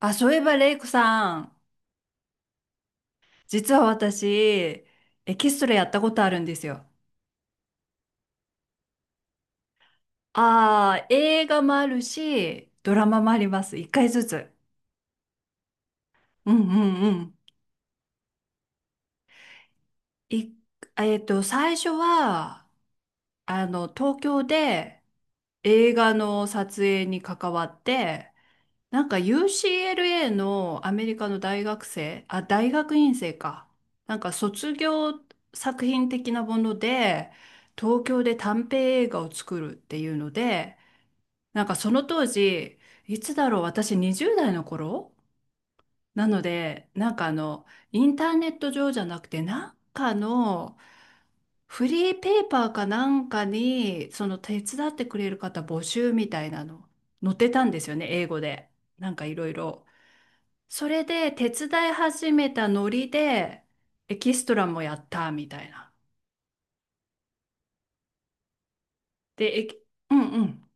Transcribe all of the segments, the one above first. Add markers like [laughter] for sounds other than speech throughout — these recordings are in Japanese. あ、そういえば、レイコさん、実は私、エキストラやったことあるんですよ。ああ、映画もあるし、ドラマもあります。一回ずつ。うんうんうん。い、最初は、東京で映画の撮影に関わって、なんか UCLA のアメリカの大学生、あ、大学院生か。なんか卒業作品的なもので、東京で短編映画を作るっていうので、なんかその当時、いつだろう、私20代の頃なので、インターネット上じゃなくて、なんかのフリーペーパーかなんかに、その手伝ってくれる方募集みたいなの、載ってたんですよね、英語で。なんかいろいろ。それで手伝い始めたノリでエキストラもやったみたいな。で、えきうんうん。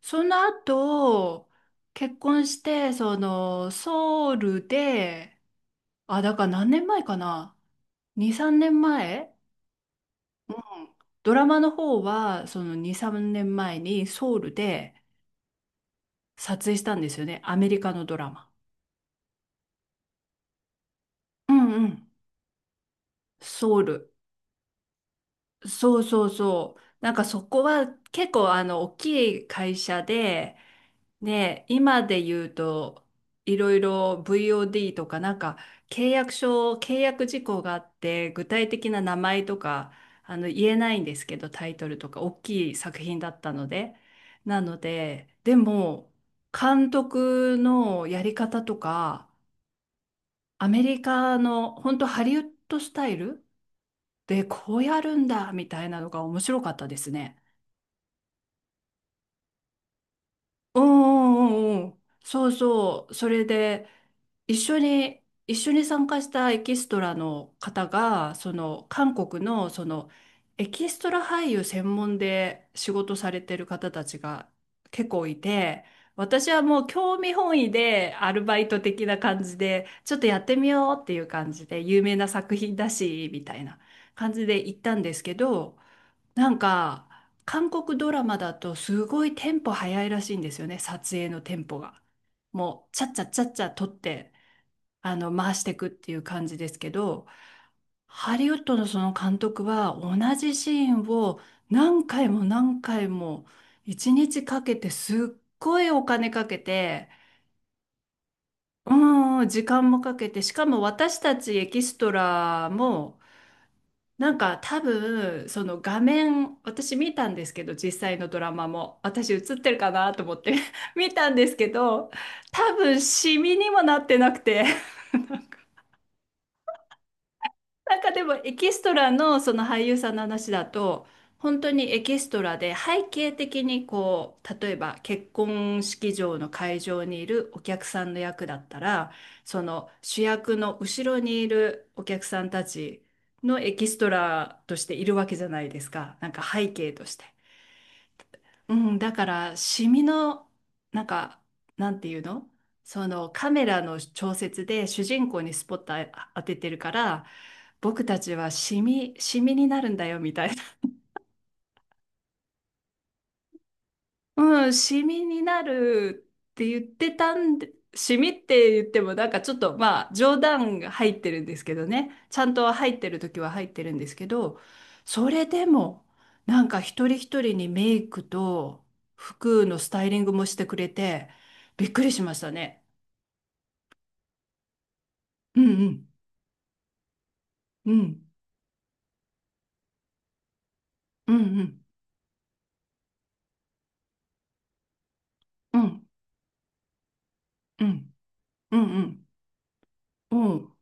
その後、結婚して、その、ソウルで、あ、だから何年前かな？ 2、3年前。うん。ドラマの方は、その2、3年前にソウルで撮影したんですよね。アメリカのドラマ。うんうん。ソウル。そうそうそう。なんかそこは結構あの大きい会社で、ね、今で言うといろいろ VOD とかなんか契約書、契約事項があって、具体的な名前とかあの言えないんですけど、タイトルとか大きい作品だったので。なので、でも監督のやり方とか、アメリカの本当ハリウッドスタイルで、こうやるんだみたいなのが面白かったですね。うんうんうんうん。そうそう。それで、一緒に、一緒に参加したエキストラの方が、その、韓国の、その、エキストラ俳優専門で仕事されてる方たちが結構いて、私はもう興味本位でアルバイト的な感じで、ちょっとやってみようっていう感じで、有名な作品だし、みたいな感じで行ったんですけど、なんか、韓国ドラマだとすごいテンポ早いらしいんですよね、撮影のテンポが。もう、ちゃっちゃっちゃっちゃ撮って、あの、回していくっていう感じですけど、ハリウッドのその監督は同じシーンを何回も何回も一日かけてすっごいお金かけて、うん、時間もかけて、しかも私たちエキストラもなんか多分その画面私見たんですけど、実際のドラマも私映ってるかなと思って [laughs] 見たんですけど、多分シミにもなってなくて、なんかでもエキストラのその俳優さんの話だと、本当にエキストラで背景的にこう例えば結婚式場の会場にいるお客さんの役だったら、その主役の後ろにいるお客さんたちのエキストラとしているわけじゃないですか、なんか背景として。うん、だからシミのなんかなんていうの、そのカメラの調節で主人公にスポットあ当ててるから、僕たちはシミシミになるんだよみたい。うん、シミになるって言ってたんで、シミって言ってもなんかちょっとまあ冗談が入ってるんですけどね、ちゃんと入ってる時は入ってるんですけど、それでもなんか一人一人にメイクと服のスタイリングもしてくれて、びっくりしましたね。うんうんうんうんうんうんうんうんうんうん。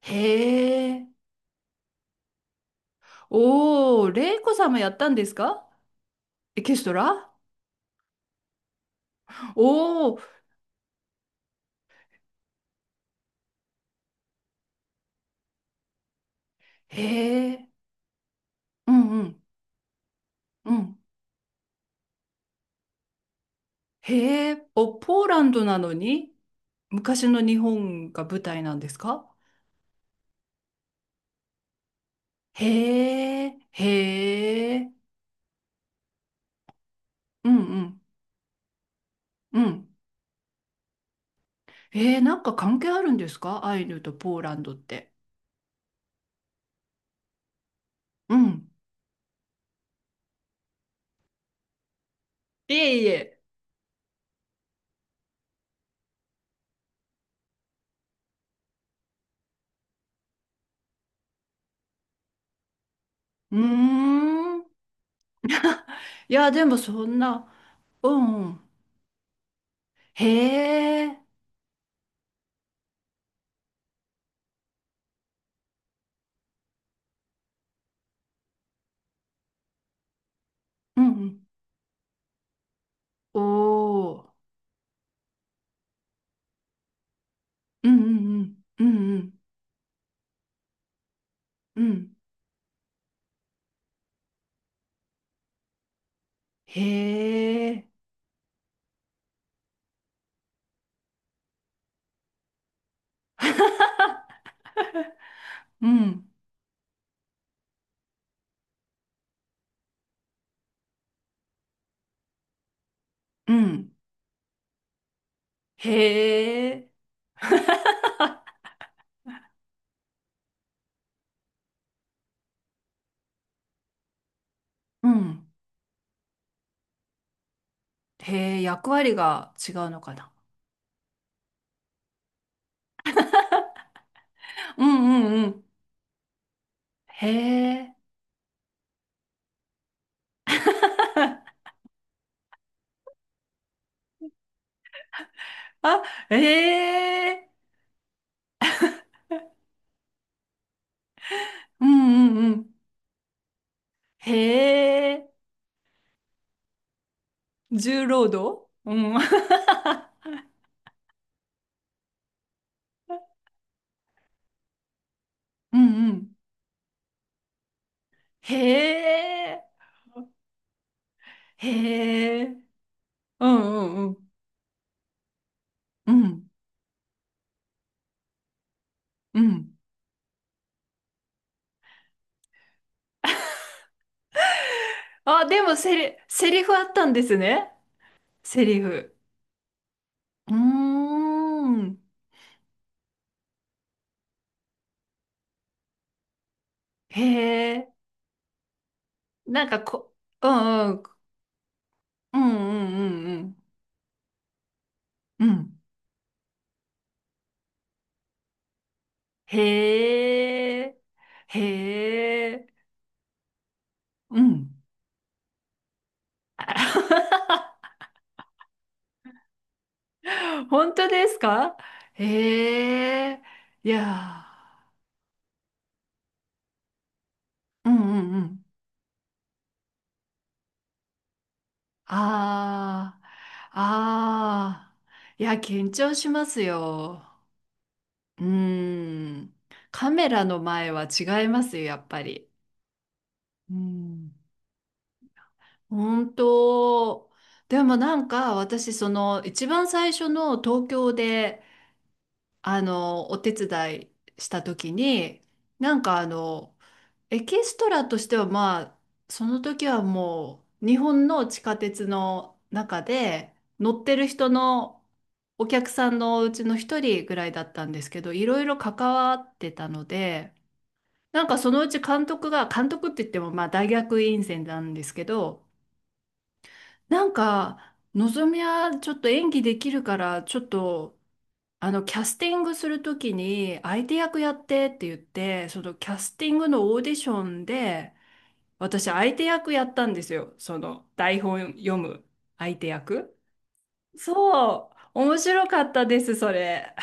へえ。おー、レイコさんもやったんですか？エキストラ。お。へえ、うんうん、うん。へえ、ポ、ポーランドなのに昔の日本が舞台なんですか？へえ、へえ、うんうんうん。へえ、なんか関係あるんですか？アイヌとポーランドって。うん。いえいえ。うーん。いや、でもそんな、うんうん。へえ、うんうん。お、お、うんうんうん、うんうん、うん。へえ、うん、うん。へえ、うん。へえ、役割が違うのかな。うんうんうん。へえ、あ、へえ、うんうんうん。へえ、重労働、うん、[laughs] うんうん。へえ、へえ、うんうんうん。うんうん。あ、でもセリフあったんですね。セリフ。うーん。ん。へえ、なんかこ、うんうん。うんうんうんうん。うん。へえ、へえ、うん。[laughs] 本当ですか？へえ、いやー、うんうんうん。ああ、ああ、いや、緊張しますよ。うん。カメラの前は違いますよ、やっぱり。うん。本当。でもなんか、私、その、一番最初の東京で、お手伝いした時に、なんかあの、エキストラとしてはまあ、その時はもう日本の地下鉄の中で乗ってる人のお客さんのうちの一人ぐらいだったんですけど、いろいろ関わってたので、なんかそのうち監督が、監督って言ってもまあ大学院生なんですけど、のぞみはちょっと演技できるから、ちょっと、あの、キャスティングするときに、相手役やってって言って、そのキャスティングのオーディションで、私、相手役やったんですよ。その、台本読む相手役。そう、面白かったです、それ。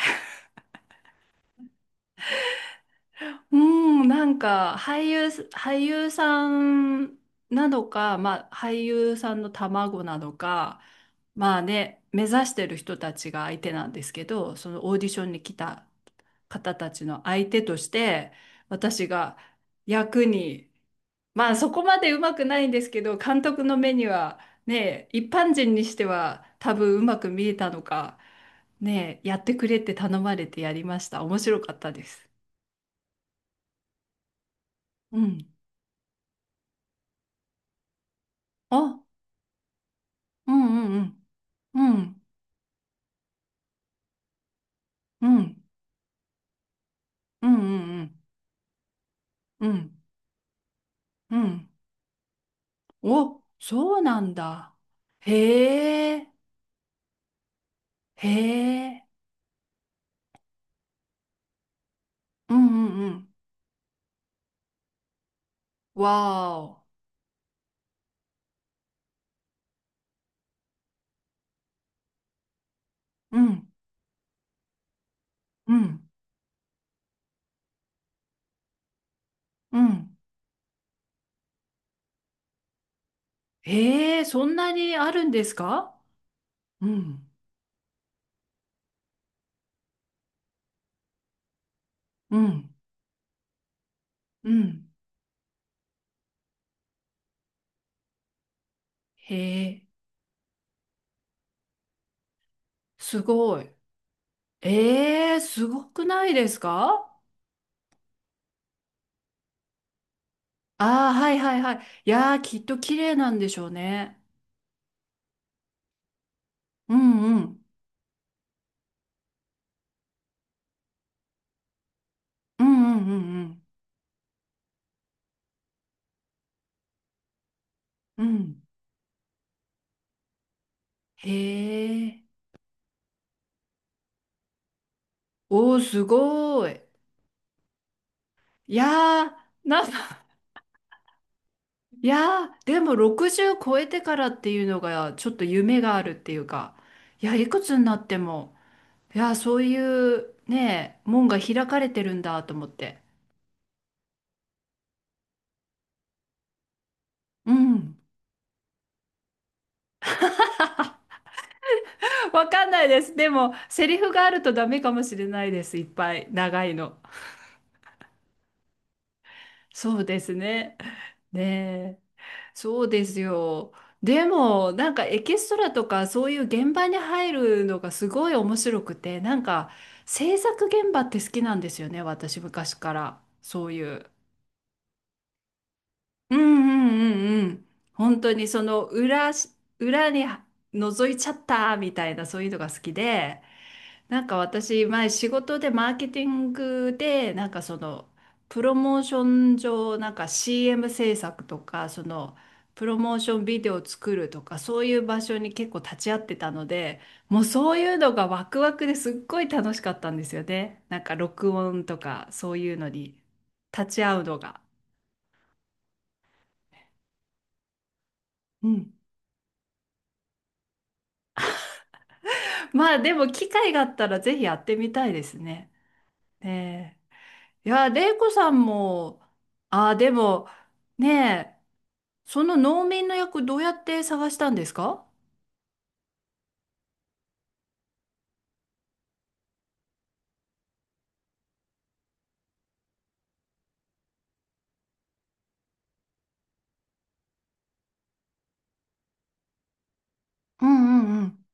[laughs] うん、なんか、俳優さんなのか、まあ、俳優さんの卵なのか、まあね、目指してる人たちが相手なんですけど、そのオーディションに来た方たちの相手として、私が役に、まあそこまでうまくないんですけど、監督の目にはね、一般人にしては多分うまく見えたのか、ね、やってくれって頼まれてやりました。面白かったです。うん。あ、うんうんうん。うん。うん。うんうんうん。うん。うん。お、そうなんだ。へえ。へえ。うんうんうん。お、そうなんだ。へえへえ、うんうんうん。わー、お。うん。うん。うん。へえ、そんなにあるんですか？うん、うん、うん。へえ、すごい。ええ、すごくないですか？ああー、はいはいはい。いやー、きっと綺麗なんでしょうね。うんうん。うんうんうんうん。うん。へえ。おー、すごい。いやー、なんか [laughs]、いやー、でも60超えてからっていうのが、ちょっと夢があるっていうか、いや、いくつになっても。いや、そういうね、門が開かれてるんだと思って。うん。わかんないです。でも、セリフがあるとダメかもしれないです。いっぱい。長いの。そうですね。ねえ。そうですよ。でも、なんかエキストラとかそういう現場に入るのがすごい面白くて、なんか制作現場って好きなんですよね。私昔から。そういう。うんうんうんうん。本当にその裏し、裏に覗いちゃったみたいなそういうのが好きで、なんか私前仕事でマーケティングでなんかそのプロモーション上なんか CM 制作とかそのプロモーションビデオを作るとかそういう場所に結構立ち会ってたので、もうそういうのがワクワクですっごい楽しかったんですよね。なんか録音とかそういうのに立ち会うのが。うん。まあでも機会があったらぜひやってみたいですね。ねえ。いや、玲子さんも、ああ、でも、ねえ、その農民の役どうやって探したんですか？うんうんうん。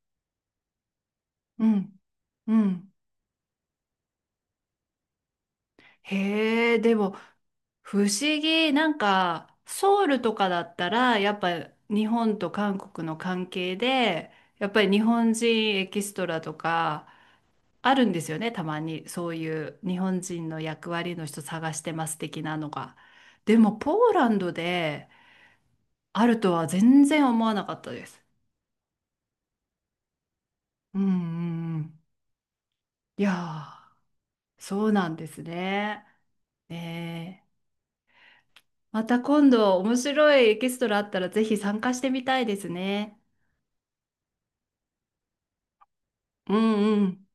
うんうん。へえ、でも、不思議。なんか、ソウルとかだったら、やっぱ日本と韓国の関係で、やっぱり日本人エキストラとか、あるんですよね、たまに。そういう日本人の役割の人探してます的なのが。でも、ポーランドであるとは全然思わなかったです。うんうんうん。いやー、そうなんですね。ねえ、また今度面白いエキストラあったらぜひ参加してみたいですね。うんうん。